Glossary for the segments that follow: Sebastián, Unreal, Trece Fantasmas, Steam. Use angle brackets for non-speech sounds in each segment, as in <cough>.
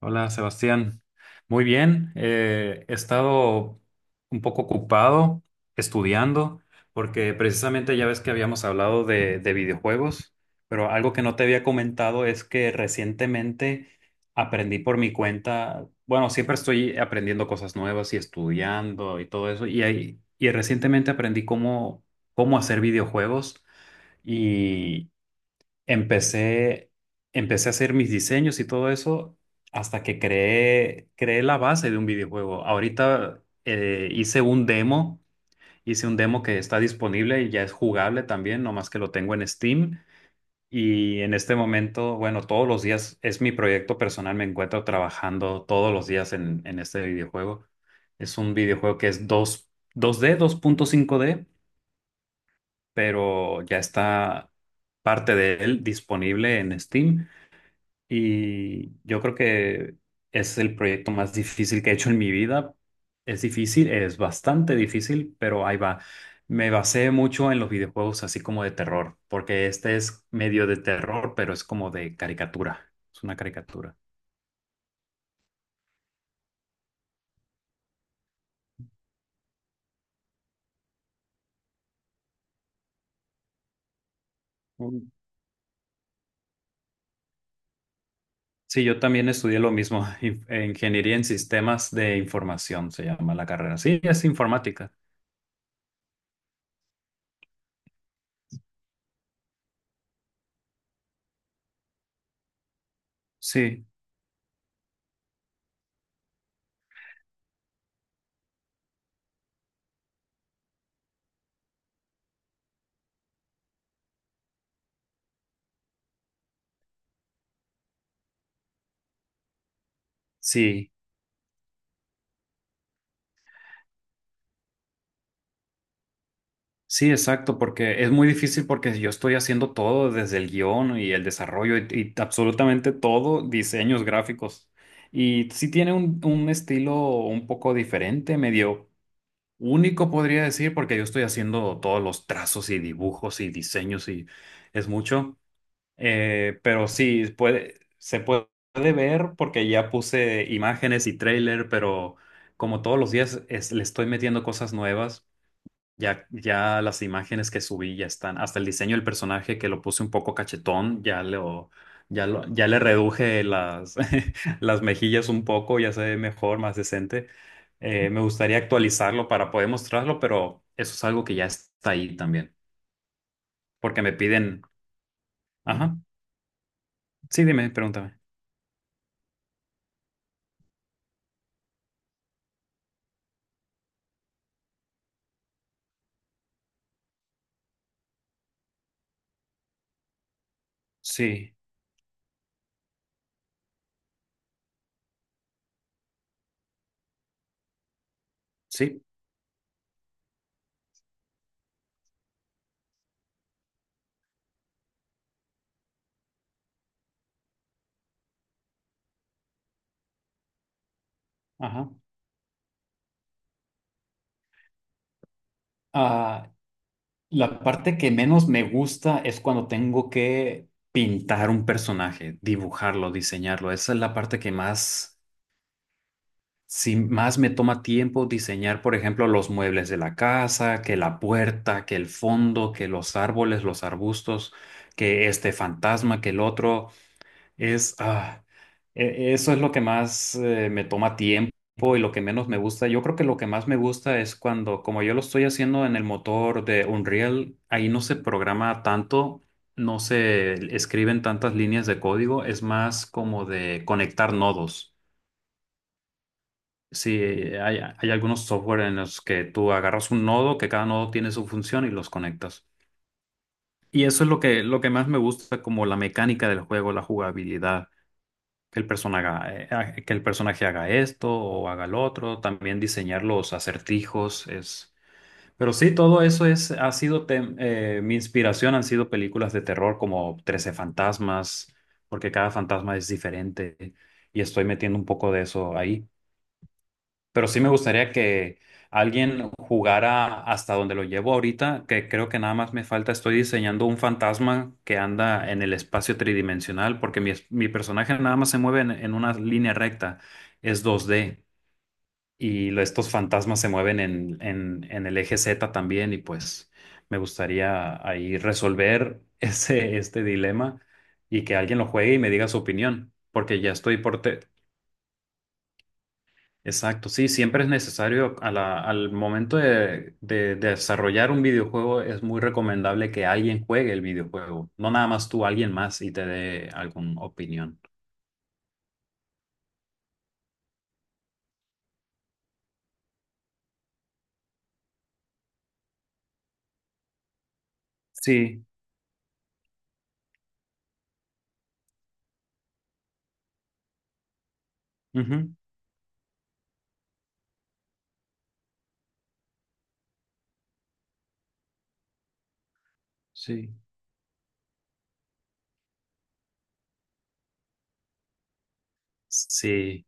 Hola Sebastián, muy bien. He estado un poco ocupado estudiando porque precisamente ya ves que habíamos hablado de videojuegos, pero algo que no te había comentado es que recientemente aprendí por mi cuenta. Bueno, siempre estoy aprendiendo cosas nuevas y estudiando y todo eso, y recientemente aprendí cómo hacer videojuegos. Empecé, Empecé a hacer mis diseños y todo eso hasta que creé la base de un videojuego. Ahorita hice un demo que está disponible y ya es jugable también, nomás que lo tengo en Steam. Y en este momento, bueno, todos los días es mi proyecto personal, me encuentro trabajando todos los días en este videojuego. Es un videojuego que es dos d, 2.5D, pero ya está parte de él disponible en Steam. Y yo creo que es el proyecto más difícil que he hecho en mi vida. Es difícil, es bastante difícil, pero ahí va. Me basé mucho en los videojuegos así como de terror, porque este es medio de terror, pero es como de caricatura. Es una caricatura. Mm. Sí, yo también estudié lo mismo, <laughs> Ingeniería en Sistemas de Información se llama la carrera. Sí, es informática. Sí, sí. Sí, exacto, porque es muy difícil porque yo estoy haciendo todo desde el guión y el desarrollo y absolutamente todo, diseños gráficos. Y sí tiene un estilo un poco diferente, medio único podría decir, porque yo estoy haciendo todos los trazos y dibujos y diseños y es mucho. Pero sí, se puede ver porque ya puse imágenes y trailer, pero como todos los días le estoy metiendo cosas nuevas. Ya las imágenes que subí ya están, hasta el diseño del personaje que lo puse un poco cachetón, ya le reduje las, <laughs> las mejillas un poco, ya se ve mejor, más decente. Me gustaría actualizarlo para poder mostrarlo, pero eso es algo que ya está ahí también, porque me piden, ajá, sí, dime, pregúntame. Sí, sí, ajá. Ah, La parte que menos me gusta es cuando tengo que pintar un personaje, dibujarlo, diseñarlo. Esa es la parte que más, si más me toma tiempo diseñar, por ejemplo, los muebles de la casa, que la puerta, que el fondo, que los árboles, los arbustos, que este fantasma, que el otro. Es, ah, Eso es lo que más me toma tiempo y lo que menos me gusta. Yo creo que lo que más me gusta es cuando, como yo lo estoy haciendo en el motor de Unreal, ahí no se programa tanto, no se escriben tantas líneas de código, es más como de conectar nodos. Sí, hay algunos software en los que tú agarras un nodo, que cada nodo tiene su función y los conectas. Y eso es lo que más me gusta, como la mecánica del juego, la jugabilidad. que el personaje, que el personaje haga esto o haga lo otro, también diseñar los acertijos es... Pero sí, todo eso es, ha sido mi inspiración, han sido películas de terror como 13 fantasmas, porque cada fantasma es diferente y estoy metiendo un poco de eso ahí. Pero sí me gustaría que alguien jugara hasta donde lo llevo ahorita, que creo que nada más me falta, estoy diseñando un fantasma que anda en el espacio tridimensional, porque mi personaje nada más se mueve en una línea recta, es 2D, y estos fantasmas se mueven en el eje Z también, y pues me gustaría ahí resolver <laughs> ese, este dilema y que alguien lo juegue y me diga su opinión, porque ya estoy por... Exacto, sí, siempre es necesario al momento de desarrollar un videojuego, es muy recomendable que alguien juegue el videojuego, no nada más tú, alguien más y te dé alguna opinión. Sí, Ujú. Sí. Sí,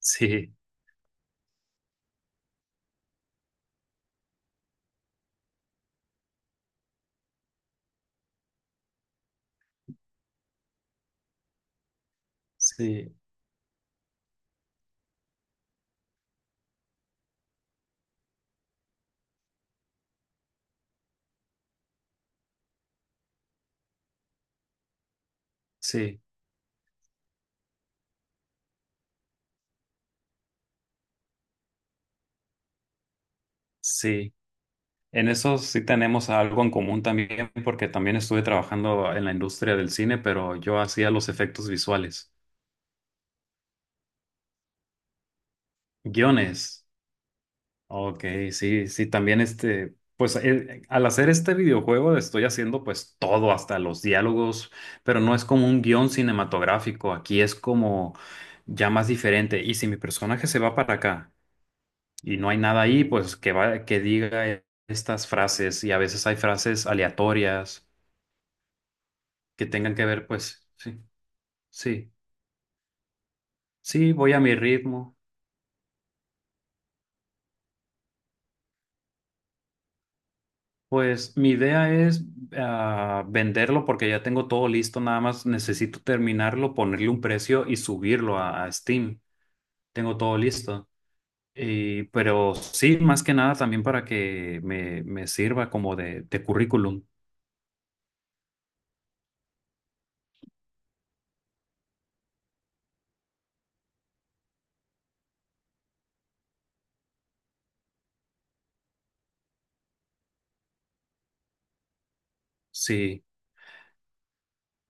sí, sí, sí, sí. En eso sí tenemos algo en común también, porque también estuve trabajando en la industria del cine, pero yo hacía los efectos visuales, guiones. Ok, sí, sí, también este, pues al hacer este videojuego estoy haciendo pues todo, hasta los diálogos, pero no es como un guión cinematográfico, aquí es como ya más diferente. Y si mi personaje se va para acá y no hay nada ahí, pues que va, que diga estas frases y a veces hay frases aleatorias que tengan que ver, pues sí, sí, sí, voy a mi ritmo. Pues mi idea es venderlo porque ya tengo todo listo, nada más necesito terminarlo, ponerle un precio y subirlo a Steam. Tengo todo listo. Pero sí, más que nada también para que me sirva como de currículum. Sí,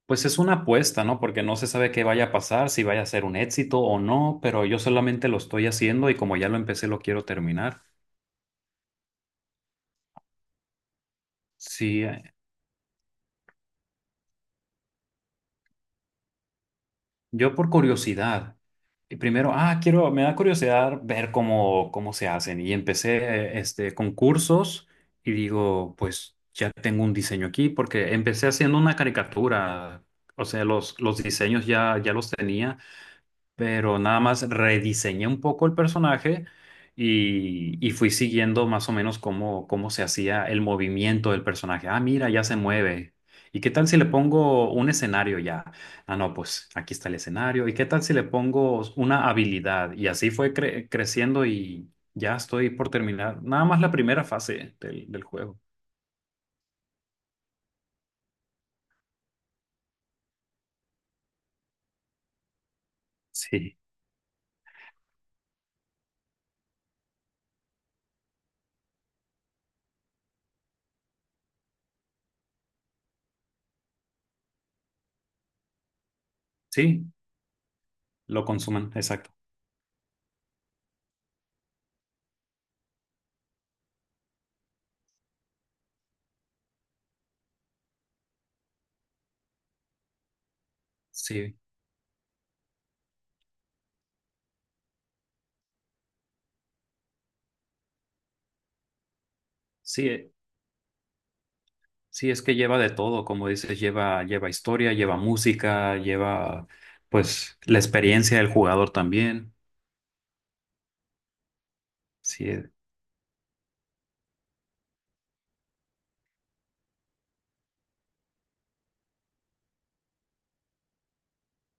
pues es una apuesta, ¿no? Porque no se sabe qué vaya a pasar, si vaya a ser un éxito o no, pero yo solamente lo estoy haciendo y como ya lo empecé, lo quiero terminar. Sí, yo por curiosidad, y primero, me da curiosidad ver cómo se hacen. Y empecé este, con cursos y digo, pues ya tengo un diseño aquí porque empecé haciendo una caricatura. O sea, los diseños ya los tenía, pero nada más rediseñé un poco el personaje y fui siguiendo más o menos cómo se hacía el movimiento del personaje. Ah, mira, ya se mueve. ¿Y qué tal si le pongo un escenario ya? Ah, no, pues aquí está el escenario. ¿Y qué tal si le pongo una habilidad? Y así fue creciendo y ya estoy por terminar. Nada más la primera fase del juego. Sí, sí, lo consumen exacto. Sí, sí. Sí, es que lleva de todo, como dices, lleva historia, lleva música, lleva pues la experiencia del jugador también. Sí,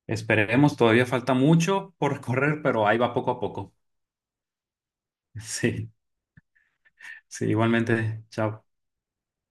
esperemos, todavía falta mucho por <laughs> recorrer, pero ahí va poco a poco. <laughs> Sí, sí, igualmente, chao.